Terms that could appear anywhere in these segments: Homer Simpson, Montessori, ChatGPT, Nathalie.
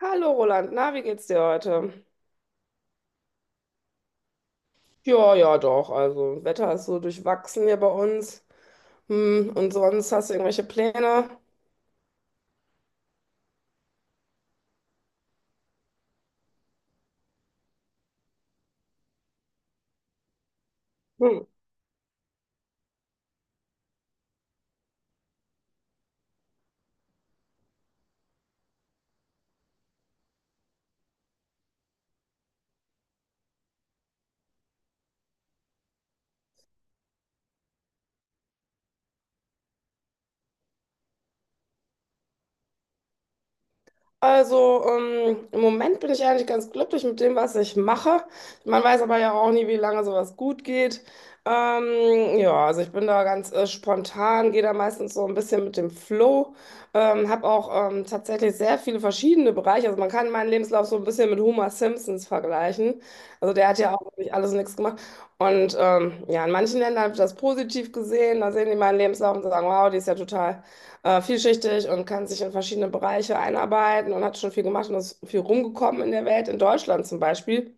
Hallo Roland, na, wie geht's dir heute? Ja, ja, doch. Also, Wetter ist so durchwachsen hier bei uns. Hm, und sonst hast du irgendwelche Pläne? Hm. Also, im Moment bin ich eigentlich ganz glücklich mit dem, was ich mache. Man weiß aber ja auch nie, wie lange sowas gut geht. Ja, also ich bin da ganz spontan, gehe da meistens so ein bisschen mit dem Flow. Habe auch tatsächlich sehr viele verschiedene Bereiche. Also man kann meinen Lebenslauf so ein bisschen mit Homer Simpsons vergleichen. Also der hat ja auch wirklich alles und nichts gemacht. Und ja, in manchen Ländern wird das positiv gesehen. Da sehen die meinen Lebenslauf und sagen, wow, die ist ja total vielschichtig und kann sich in verschiedene Bereiche einarbeiten und hat schon viel gemacht und ist viel rumgekommen in der Welt, in Deutschland zum Beispiel.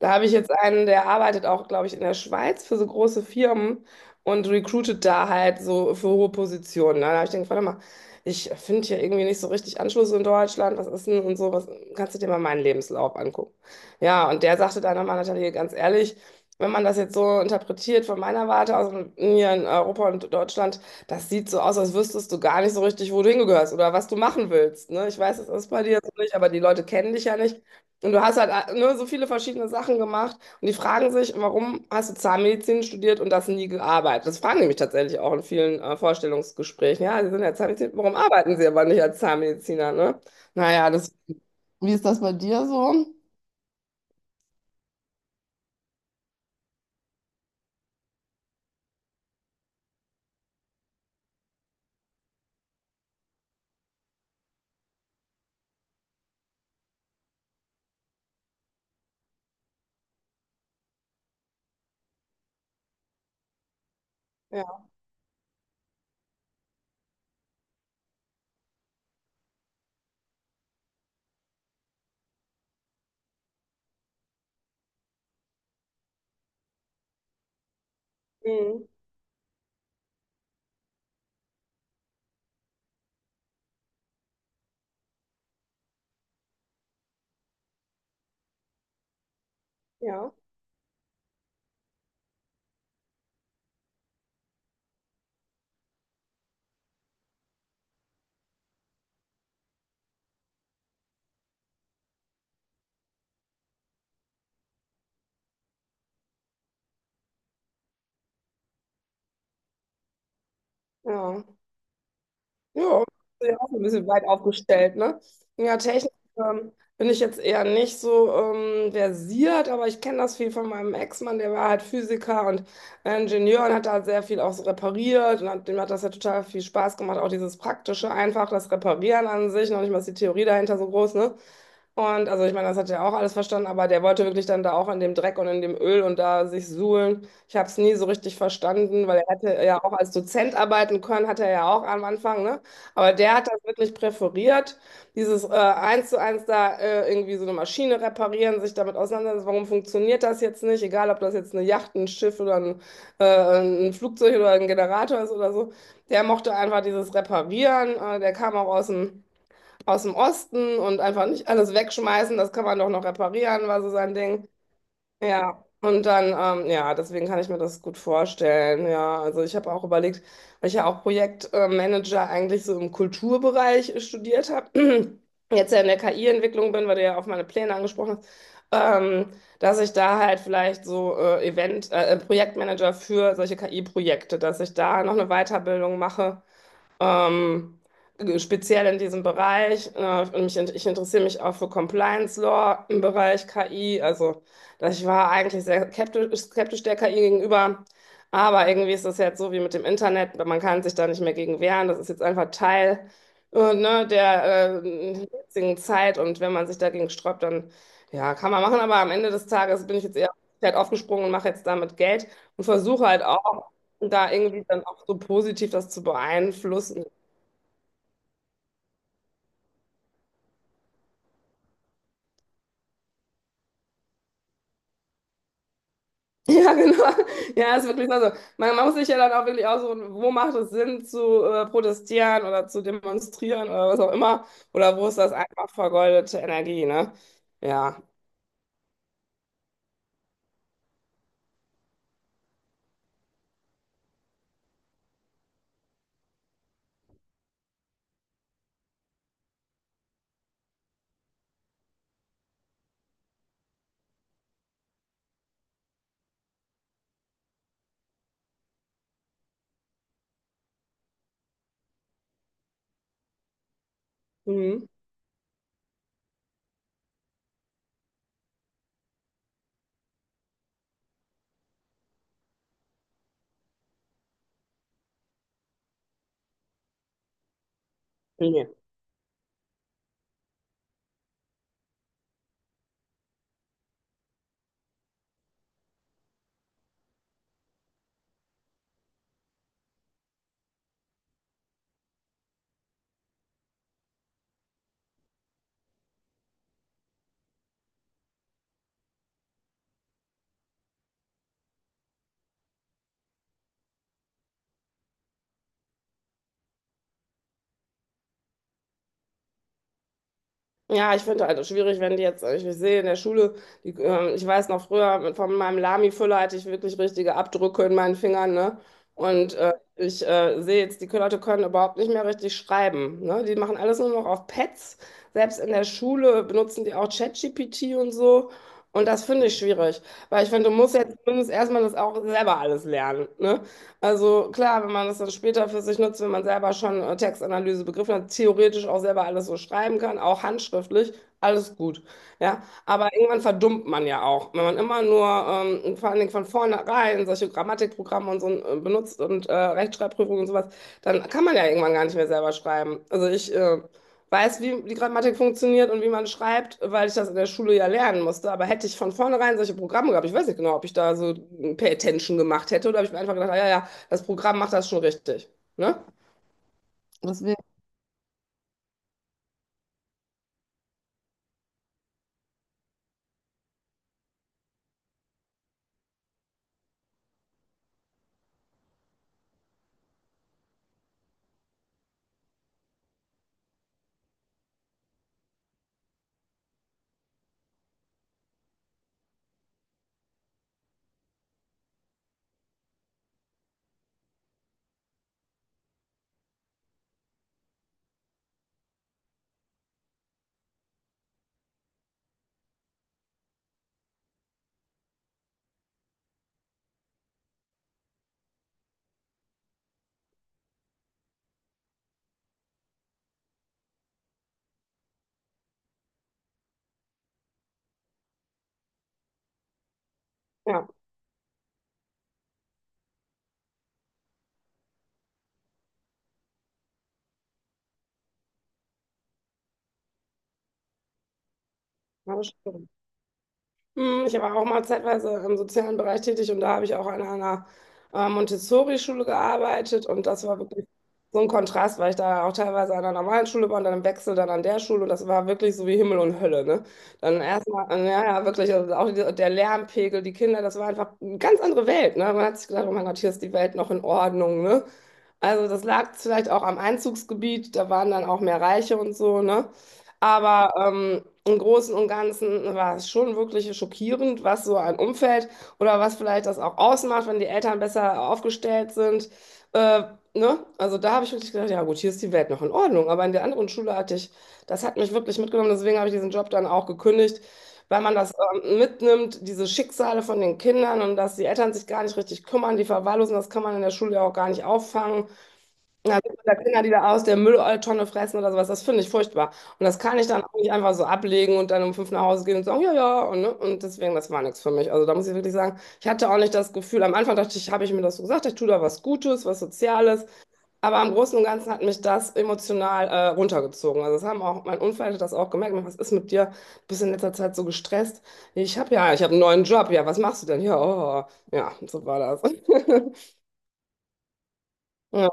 Da habe ich jetzt einen, der arbeitet auch, glaube ich, in der Schweiz für so große Firmen und recruitet da halt so für hohe Positionen, ne? Da habe ich gedacht, warte mal, ich finde hier irgendwie nicht so richtig Anschluss in Deutschland, was ist denn und so, was, kannst du dir mal meinen Lebenslauf angucken? Ja, und der sagte dann nochmal, Nathalie, ganz ehrlich, wenn man das jetzt so interpretiert von meiner Warte aus, hier in Europa und Deutschland, das sieht so aus, als wüsstest du gar nicht so richtig, wo du hingehörst oder was du machen willst. Ne? Ich weiß, es ist bei dir so nicht, aber die Leute kennen dich ja nicht. Und du hast halt ne, so viele verschiedene Sachen gemacht und die fragen sich, warum hast du Zahnmedizin studiert und das nie gearbeitet? Das fragen die mich tatsächlich auch in vielen Vorstellungsgesprächen. Ja, Sie sind ja Zahnmediziner, warum arbeiten Sie aber nicht als Zahnmediziner? Ne? Naja, das, wie ist das bei dir so? Ja. Mhm. Ja, ja. Ja, ja auch ein bisschen weit aufgestellt, ne? Ja, technisch bin ich jetzt eher nicht so versiert, aber ich kenne das viel von meinem Ex-Mann, der war halt Physiker und Ingenieur und hat da sehr viel auch so repariert und hat, dem hat das ja total viel Spaß gemacht, auch dieses Praktische einfach, das Reparieren an sich, noch nicht mal ist die Theorie dahinter so groß, ne? Und also ich meine, das hat er auch alles verstanden, aber der wollte wirklich dann da auch in dem Dreck und in dem Öl und da sich suhlen. Ich habe es nie so richtig verstanden, weil er hätte ja auch als Dozent arbeiten können, hat er ja auch am Anfang, ne? Aber der hat das wirklich präferiert, dieses eins zu eins da irgendwie so eine Maschine reparieren, sich damit auseinandersetzen, warum funktioniert das jetzt nicht, egal ob das jetzt eine Yacht, ein Schiff oder äh, ein Flugzeug oder ein Generator ist oder so. Der mochte einfach dieses Reparieren, der kam auch aus dem Osten und einfach nicht alles wegschmeißen, das kann man doch noch reparieren, war so sein Ding. Ja, und dann, ja, deswegen kann ich mir das gut vorstellen. Ja, also ich habe auch überlegt, weil ich ja auch Projektmanager eigentlich so im Kulturbereich studiert habe, jetzt ja in der KI-Entwicklung bin, weil du ja auf meine Pläne angesprochen hast. Ähm, Dass ich da halt vielleicht so Event, Projektmanager für solche KI-Projekte, dass ich da noch eine Weiterbildung mache ähm, speziell in diesem Bereich. Und ich interessiere mich auch für Compliance Law im Bereich KI. Also ich war eigentlich sehr skeptisch der KI gegenüber. Aber irgendwie ist das jetzt so wie mit dem Internet, man kann sich da nicht mehr gegen wehren. Das ist jetzt einfach Teil, ne, der jetzigen Zeit. Und wenn man sich dagegen sträubt, dann ja, kann man machen. Aber am Ende des Tages bin ich jetzt eher halt aufgesprungen und mache jetzt damit Geld und versuche halt auch und da irgendwie dann auch so positiv das zu beeinflussen. Ja, genau. Ja, ist wirklich so. Also, man muss sich ja dann auch wirklich aussuchen, wo macht es Sinn zu protestieren oder zu demonstrieren oder was auch immer. Oder wo ist das einfach vergeudete Energie, ne? Ja. Mhm. Ja. Ja, ich finde halt schwierig, wenn die jetzt, ich sehe in der Schule, ich weiß noch früher, von meinem Lami-Füller hatte ich wirklich richtige Abdrücke in meinen Fingern, ne? Und ich sehe jetzt, die Leute können überhaupt nicht mehr richtig schreiben, ne? Die machen alles nur noch auf Pads. Selbst in der Schule benutzen die auch ChatGPT und so. Und das finde ich schwierig, weil ich finde, du musst jetzt zumindest erstmal das auch selber alles lernen, ne? Also klar, wenn man das dann später für sich nutzt, wenn man selber schon Textanalyse begriffen hat, theoretisch auch selber alles so schreiben kann, auch handschriftlich, alles gut. Ja, aber irgendwann verdummt man ja auch, wenn man immer nur vor allen Dingen von vornherein solche Grammatikprogramme und so benutzt und Rechtschreibprüfungen und sowas, dann kann man ja irgendwann gar nicht mehr selber schreiben. Also ich weiß, wie die Grammatik funktioniert und wie man schreibt, weil ich das in der Schule ja lernen musste. Aber hätte ich von vornherein solche Programme gehabt, ich weiß nicht genau, ob ich da so ein Pay Attention gemacht hätte oder ob ich mir einfach gedacht, ah, ja, ja, das Programm macht das schon richtig. Ne? Deswegen, ja, ja, das stimmt. Hm, ich war auch mal zeitweise im sozialen Bereich tätig und da habe ich auch an einer Montessori-Schule gearbeitet und das war wirklich so ein Kontrast, weil ich da auch teilweise an einer normalen Schule war und dann im Wechsel dann an der Schule und das war wirklich so wie Himmel und Hölle, ne? Dann erstmal, ja, ja, wirklich, also auch die, der Lärmpegel, die Kinder, das war einfach eine ganz andere Welt, ne? Man hat sich gedacht, oh mein Gott, hier ist die Welt noch in Ordnung, ne? Also das lag vielleicht auch am Einzugsgebiet, da waren dann auch mehr Reiche und so, ne? Aber im Großen und Ganzen war es schon wirklich schockierend, was so ein Umfeld oder was vielleicht das auch ausmacht, wenn die Eltern besser aufgestellt sind. Äh, ne? Also da habe ich wirklich gedacht, ja gut, hier ist die Welt noch in Ordnung. Aber in der anderen Schule hatte ich, das hat mich wirklich mitgenommen, deswegen habe ich diesen Job dann auch gekündigt, weil man das mitnimmt, diese Schicksale von den Kindern und dass die Eltern sich gar nicht richtig kümmern, die verwahrlosen, das kann man in der Schule ja auch gar nicht auffangen. Ja, wie gesagt, Kinder, die da aus der Mülltonne fressen oder sowas, das finde ich furchtbar. Und das kann ich dann auch nicht einfach so ablegen und dann um 5 nach Hause gehen und sagen, ja, ja, und, ne? Und deswegen, das war nichts für mich. Also da muss ich wirklich sagen, ich hatte auch nicht das Gefühl, am Anfang dachte ich, habe ich mir das so gesagt, ich tue da was Gutes, was Soziales, aber im Großen und Ganzen hat mich das emotional runtergezogen. Also das haben auch, mein Umfeld hat das auch gemerkt, was ist mit dir? Du bist in letzter Zeit so gestresst. Ich habe einen neuen Job, ja, was machst du denn? Ja, oh, ja, so war das. Ja,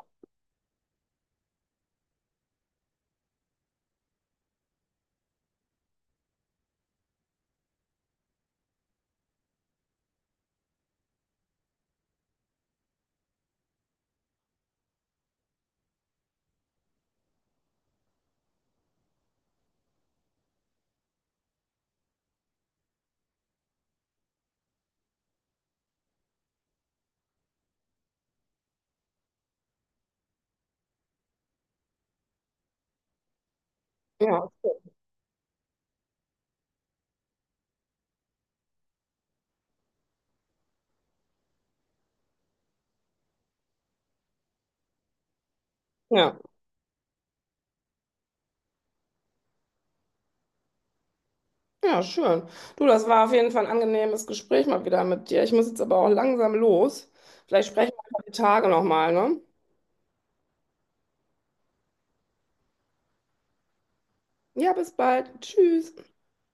ja, okay. Ja. Ja, schön. Du, das war auf jeden Fall ein angenehmes Gespräch mal wieder mit dir. Ich muss jetzt aber auch langsam los. Vielleicht sprechen wir die Tage nochmal, ne? Ja, bis bald. Tschüss.